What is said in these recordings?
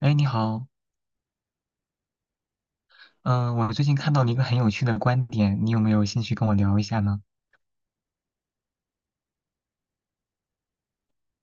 哎，你好，嗯、我最近看到了一个很有趣的观点，你有没有兴趣跟我聊一下呢？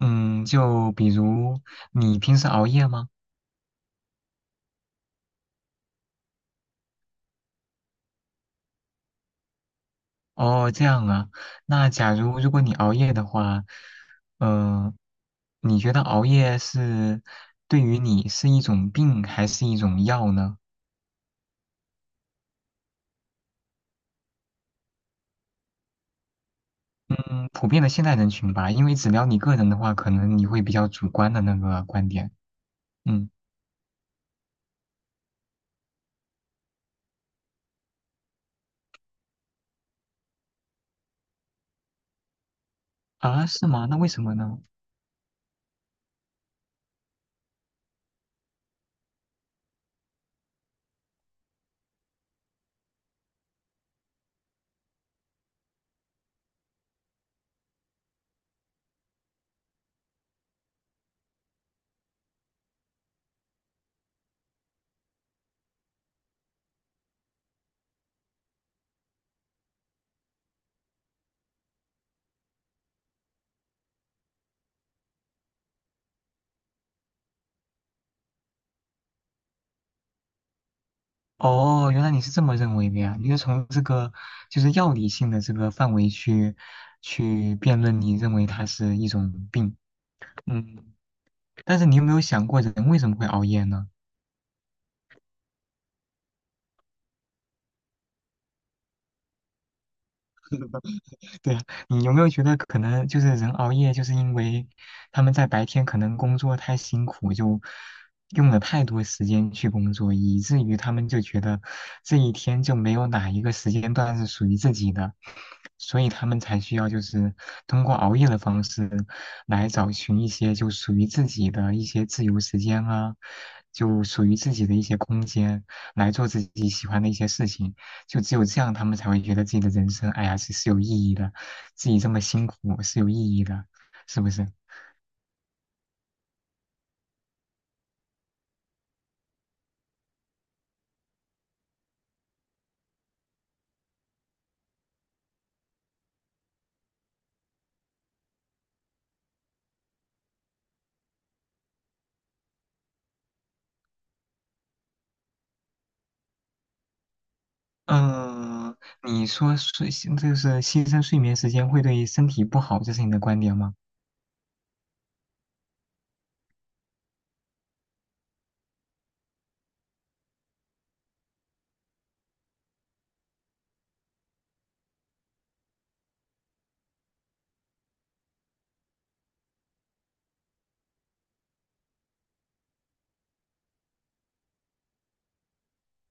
嗯，就比如你平时熬夜吗？哦，这样啊，那如果你熬夜的话，嗯、你觉得熬夜是对于你是一种病还是一种药呢？嗯，普遍的现代人群吧，因为只聊你个人的话，可能你会比较主观的那个观点。嗯，啊，是吗？那为什么呢？哦，原来你是这么认为的呀？你是从这个就是药理性的这个范围去辩论，你认为它是一种病。嗯，但是你有没有想过人为什么会熬夜呢？对啊，你有没有觉得可能就是人熬夜，就是因为他们在白天可能工作太辛苦，就用了太多时间去工作，以至于他们就觉得这一天就没有哪一个时间段是属于自己的，所以他们才需要就是通过熬夜的方式来找寻一些就属于自己的一些自由时间啊，就属于自己的一些空间，来做自己喜欢的一些事情。就只有这样，他们才会觉得自己的人生，哎呀，是有意义的，自己这么辛苦是有意义的，是不是？嗯，你说就是牺牲睡眠时间会对身体不好，这是你的观点吗？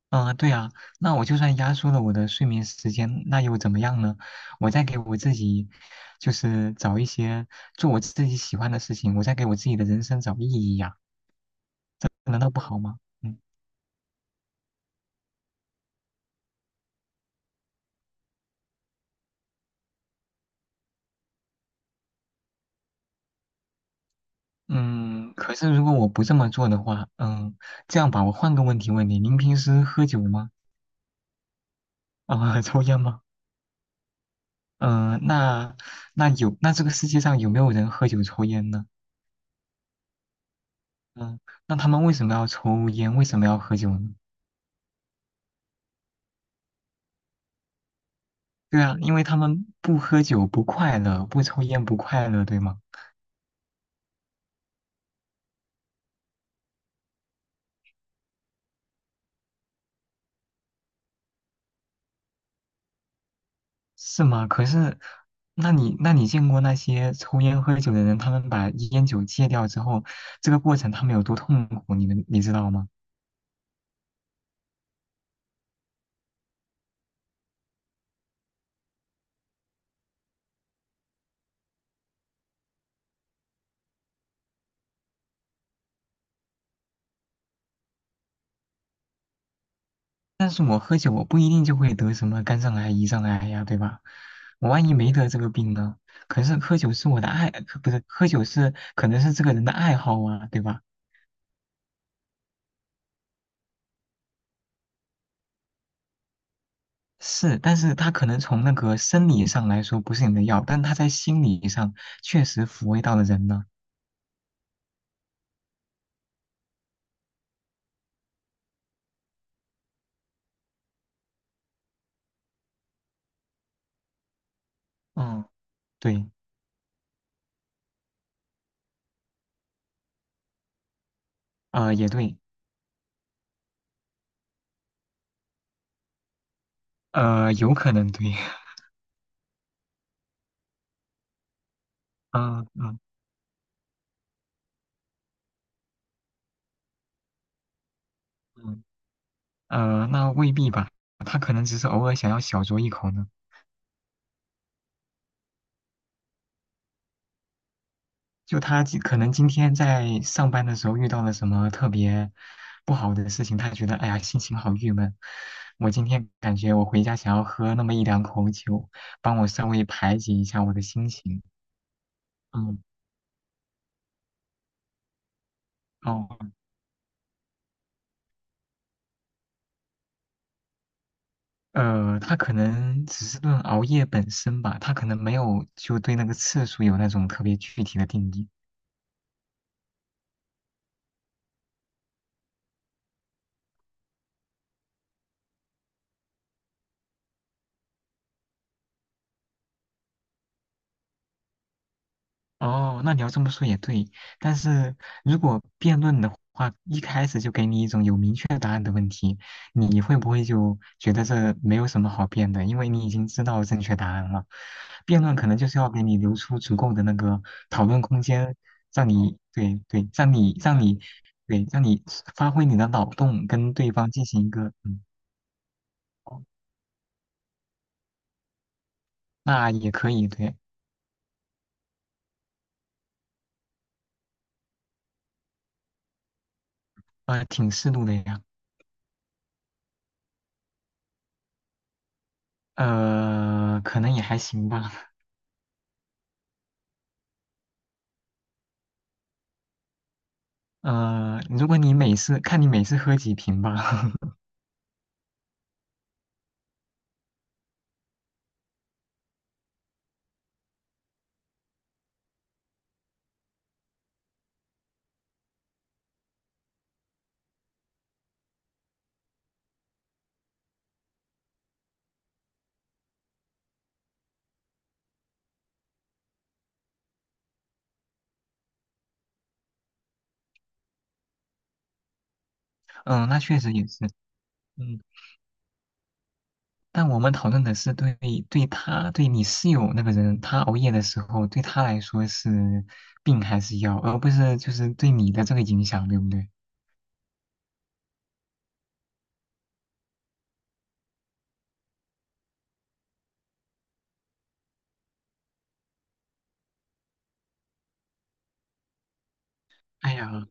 嗯，对啊，那我就算压缩了我的睡眠时间，那又怎么样呢？我再给我自己，就是找一些做我自己喜欢的事情，我再给我自己的人生找意义呀，难道不好吗？嗯嗯，可是如果我不这么做的话，这样吧，我换个问题问你，您平时喝酒吗？啊、抽烟吗？嗯、呃那那有那这个世界上有没有人喝酒抽烟呢？嗯、那他们为什么要抽烟？为什么要喝酒呢？对啊，因为他们不喝酒不快乐，不抽烟不快乐，对吗？是吗？可是，那你见过那些抽烟喝酒的人，他们把烟酒戒掉之后，这个过程他们有多痛苦，你们你知道吗？但是我喝酒，我不一定就会得什么肝脏癌、胰脏癌呀，对吧？我万一没得这个病呢？可是喝酒是我的爱，可不是喝酒可能是这个人的爱好啊，对吧？是，但是他可能从那个生理上来说不是你的药，但他在心理上确实抚慰到了人呢。嗯，对，也对，有可能对，嗯嗯嗯，那未必吧，他可能只是偶尔想要小酌一口呢。就他可能今天在上班的时候遇到了什么特别不好的事情，他觉得哎呀心情好郁闷。我今天感觉我回家想要喝那么一两口酒，帮我稍微排解一下我的心情。嗯，哦，他可能只是论熬夜本身吧，他可能没有就对那个次数有那种特别具体的定义。哦，那你要这么说也对，但是如果辩论的话，一开始就给你一种有明确答案的问题，你会不会就觉得这没有什么好辩的？因为你已经知道正确答案了。辩论可能就是要给你留出足够的那个讨论空间，让你对对，让你发挥你的脑洞，跟对方进行一个嗯，哦，那也可以对，挺适度的呀，可能也还行吧。如果你每次喝几瓶吧，嗯，那确实也是，嗯，但我们讨论的是对他对你室友那个人，他熬夜的时候对他来说是病还是药，而不是就是对你的这个影响，对不对？哎呀，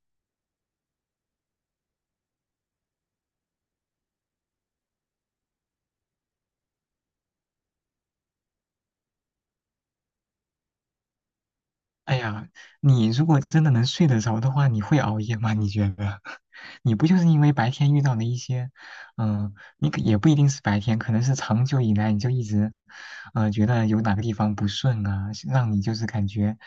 哎呀，你如果真的能睡得着的话，你会熬夜吗？你觉得？你不就是因为白天遇到了一些，你可也不一定是白天，可能是长久以来你就一直，觉得有哪个地方不顺啊，是让你就是感觉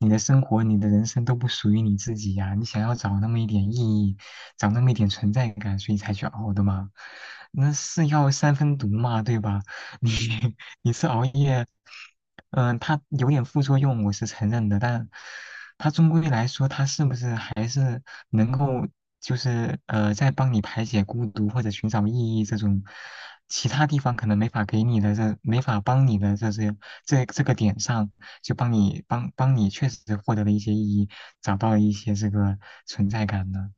你的生活、你的人生都不属于你自己呀、你想要找那么一点意义，找那么一点存在感，所以才去熬的吗？那是药三分毒嘛，对吧？你一次熬夜，它有点副作用，我是承认的，但它终归来说，它是不是还是能够，就是在帮你排解孤独或者寻找意义这种其他地方可能没法给你的这没法帮你的这些这个点上，就帮你确实获得了一些意义，找到了一些这个存在感呢。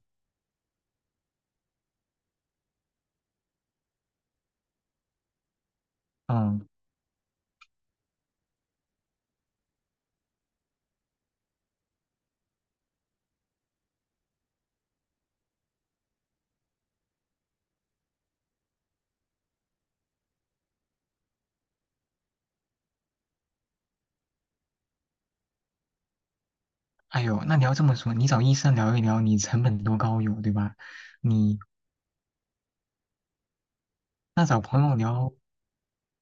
嗯，哎呦，那你要这么说，你找医生聊一聊，你成本多高有，对吧？你那找朋友聊，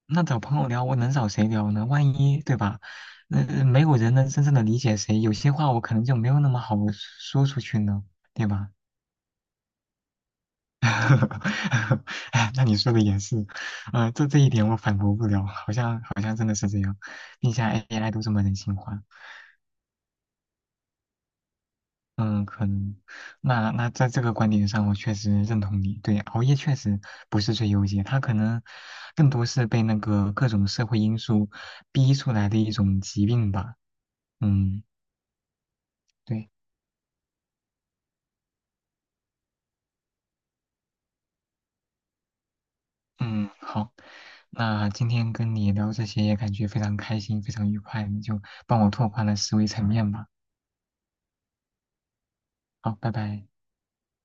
那找朋友聊,我能找谁聊呢？万一，对吧？那、没有人能真正的理解谁，有些话我可能就没有那么好说出去呢，对吧？哎，那你说的也是，这这一点我反驳不了，好像真的是这样，并且 AI 都这么人性化，嗯，可能，那在这个观点上，我确实认同你，对，熬夜确实不是最优解，它可能更多是被那个各种社会因素逼出来的一种疾病吧。嗯。对，嗯，好，那今天跟你聊这些也感觉非常开心，非常愉快，你就帮我拓宽了思维层面吧。好，拜拜。